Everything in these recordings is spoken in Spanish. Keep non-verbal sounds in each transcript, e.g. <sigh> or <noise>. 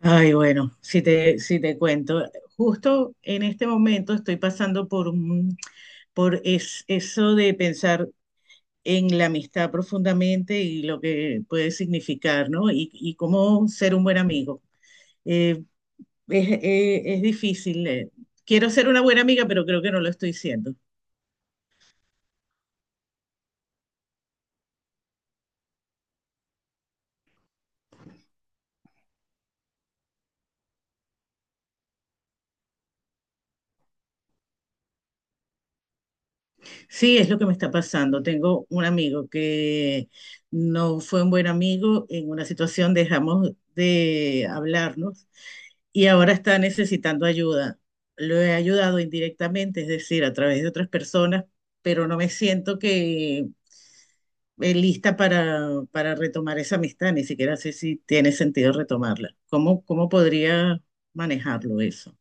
Ay, bueno, si te, si te cuento, justo en este momento estoy pasando por, eso de pensar en la amistad profundamente y lo que puede significar, ¿no? Y cómo ser un buen amigo. Eh, es difícil. Quiero ser una buena amiga, pero creo que no lo estoy siendo. Sí, es lo que me está pasando. Tengo un amigo que no fue un buen amigo, en una situación dejamos de hablarnos y ahora está necesitando ayuda. Lo he ayudado indirectamente, es decir, a través de otras personas, pero no me siento que lista para retomar esa amistad, ni siquiera sé si tiene sentido retomarla. ¿Cómo, cómo podría manejarlo eso?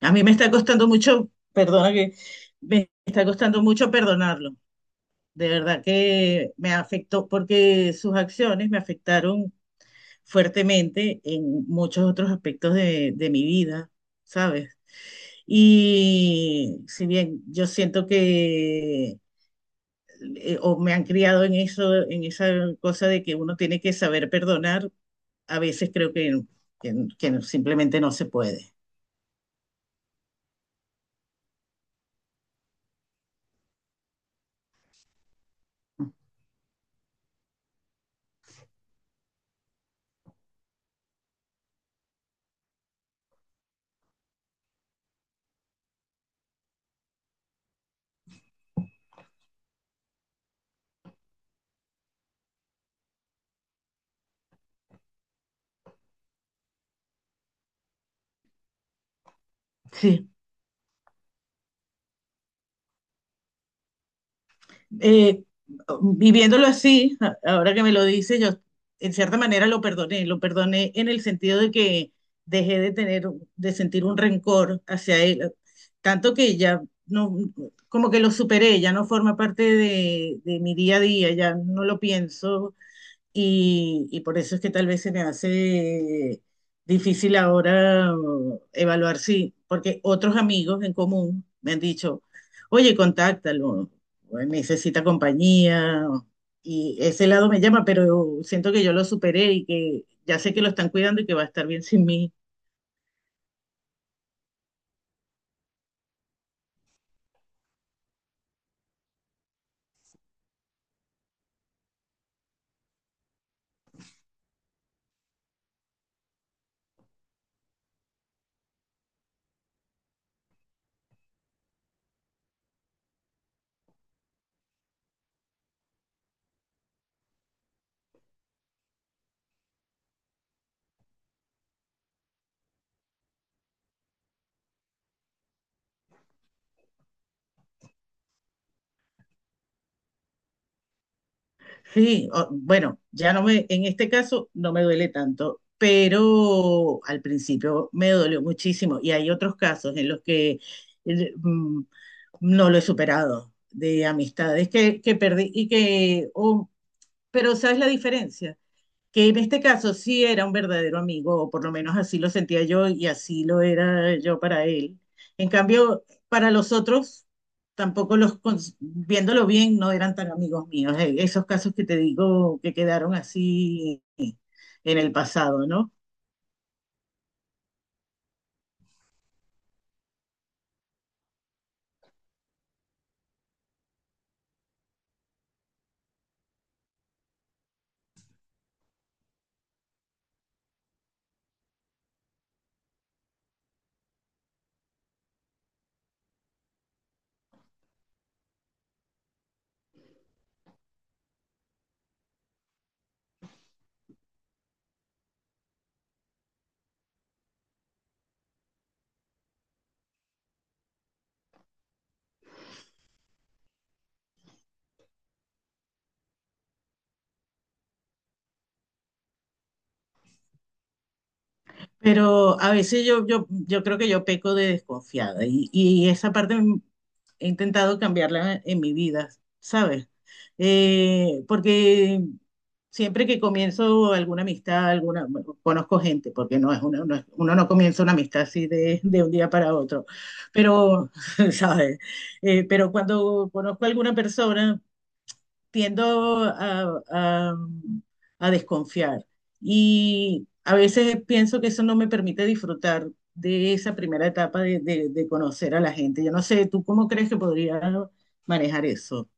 A mí me está costando mucho, perdona que me está costando mucho perdonarlo. De verdad que me afectó porque sus acciones me afectaron fuertemente en muchos otros aspectos de mi vida, ¿sabes? Y si bien yo siento que o me han criado en eso, en esa cosa de que uno tiene que saber perdonar, a veces creo que, que simplemente no se puede. Sí. eh, Viviéndolo así, ahora que me lo dice, yo en cierta manera lo perdoné en el sentido de que dejé de tener, de sentir un rencor hacia él, tanto que ya no, como que lo superé, ya no forma parte de mi día a día, ya no lo pienso y por eso es que tal vez se me hace difícil ahora evaluar si porque otros amigos en común me han dicho, oye, contáctalo, necesita compañía, y ese lado me llama, pero siento que yo lo superé y que ya sé que lo están cuidando y que va a estar bien sin mí. Sí, o- bueno, ya no me, en este caso no me duele tanto, pero al principio me dolió muchísimo y hay otros casos en los que eh, mm, no lo he superado de amistades que perdí y que, o- pero ¿sabes la diferencia? Que en este caso sí era un verdadero amigo, o por lo menos así lo sentía yo y así lo era yo para él. En cambio, para los otros, tampoco los, cons- viéndolo bien, no eran tan amigos míos. Esos casos que te digo que quedaron así en el pasado, ¿no? Pero a veces yo creo que yo peco de desconfiada y esa parte m- he intentado cambiarla en mi vida, ¿sabes? Porque siempre que comienzo alguna amistad, alguna, bueno, conozco gente, porque no es una, no es- uno no comienza una amistad así de un día para otro, pero, <laughs> ¿sabes? Pero cuando conozco a alguna persona, tiendo a desconfiar y a veces pienso que eso no me permite disfrutar de esa primera etapa de conocer a la gente. Yo no sé, ¿tú cómo crees que podría manejar eso?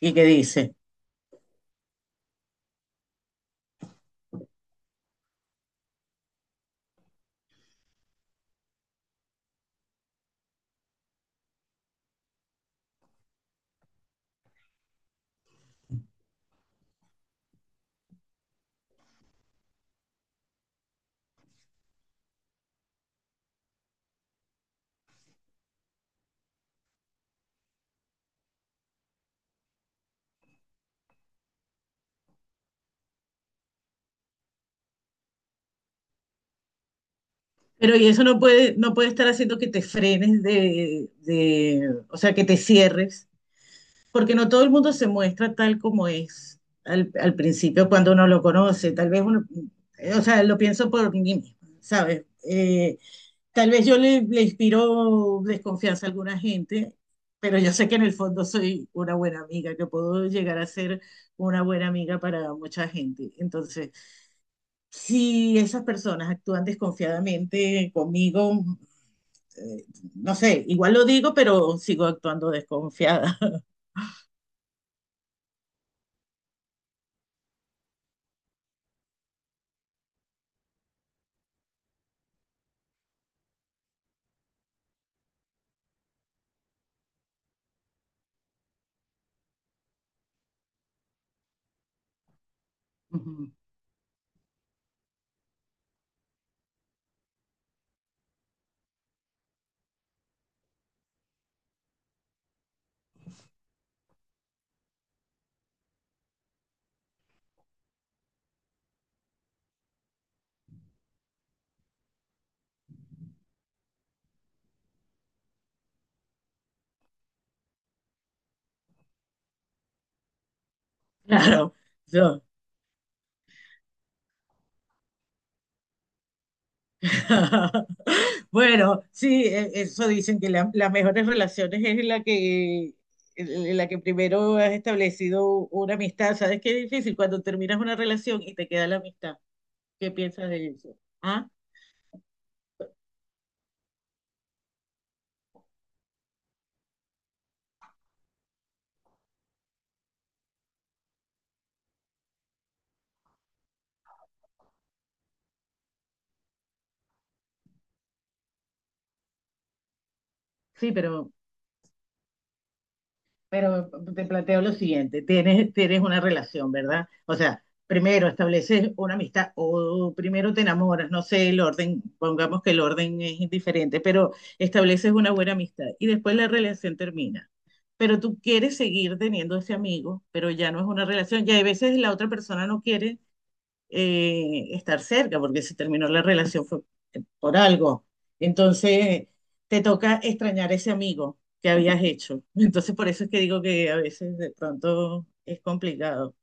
¿Y qué dice? Pero y eso no puede, no puede estar haciendo que te frenes o sea, que te cierres, porque no todo el mundo se muestra tal como es al principio cuando uno lo conoce. Tal vez uno, o sea, lo pienso por mí misma, ¿sabes? Tal vez yo le inspiro desconfianza a alguna gente, pero yo sé que en el fondo soy una buena amiga, que puedo llegar a ser una buena amiga para mucha gente. Entonces, si esas personas actúan desconfiadamente conmigo, eh, no sé, igual lo digo, pero sigo actuando desconfiada. <laughs> Ujú. Claro, yo- <laughs> Bueno, sí, e- eso dicen que las mejores relaciones es la que, en la que primero has establecido una amistad. ¿Sabes qué difícil cuando terminas una relación y te queda la amistad? ¿Qué piensas de eso? Ah, sí, pero te planteo lo siguiente, tienes, tienes una relación, ¿verdad? O sea, primero estableces una amistad o primero te enamoras, no sé el orden, pongamos que el orden es indiferente, pero estableces una buena amistad y después la relación termina. Pero tú quieres seguir teniendo ese amigo, pero ya no es una relación. Ya hay veces la otra persona no quiere estar cerca, porque si terminó la relación fue por algo. Entonces, te toca extrañar ese amigo que habías hecho. <laughs> Entonces, por eso es que digo que a veces de pronto es complicado.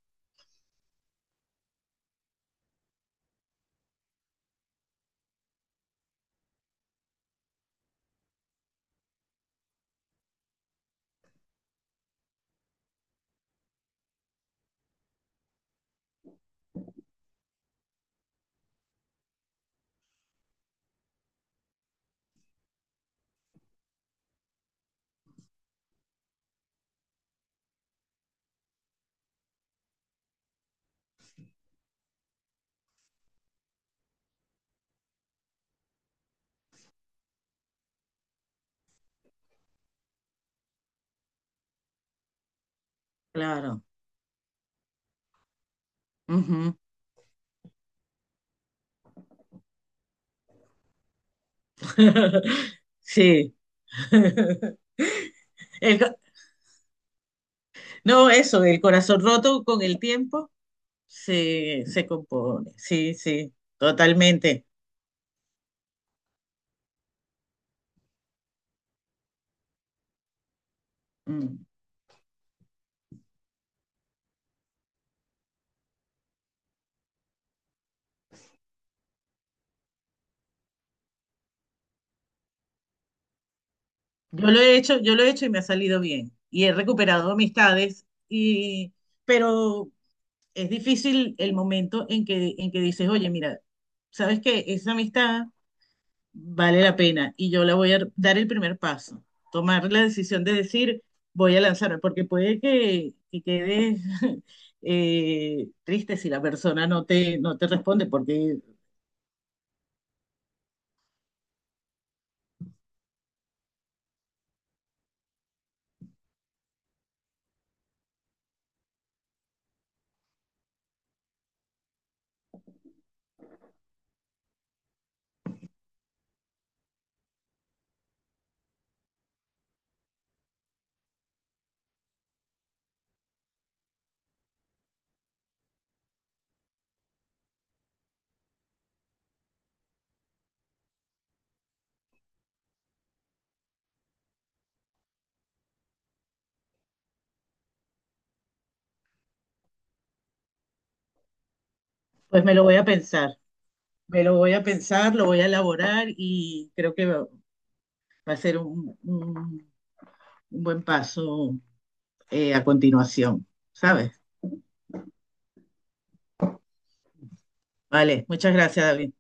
Claro. Ujú. <laughs> Sí. <laughs> El co- no, eso, el corazón roto con el tiempo se, se compone. Sí, sí, totalmente. Mm. Yo lo he hecho, yo lo he hecho y me ha salido bien. Y he recuperado amistades, y, pero es difícil el momento en que dices, oye, mira, ¿sabes que esa amistad vale la pena y yo la voy a dar el primer paso, tomar la decisión de decir, voy a lanzarme, porque puede que quedes <laughs> triste si la persona no te, no te responde, porque pues me lo voy a pensar, me lo voy a pensar, lo voy a elaborar y creo que va, va a ser un buen paso a continuación, ¿sabes? Vale, muchas gracias, David.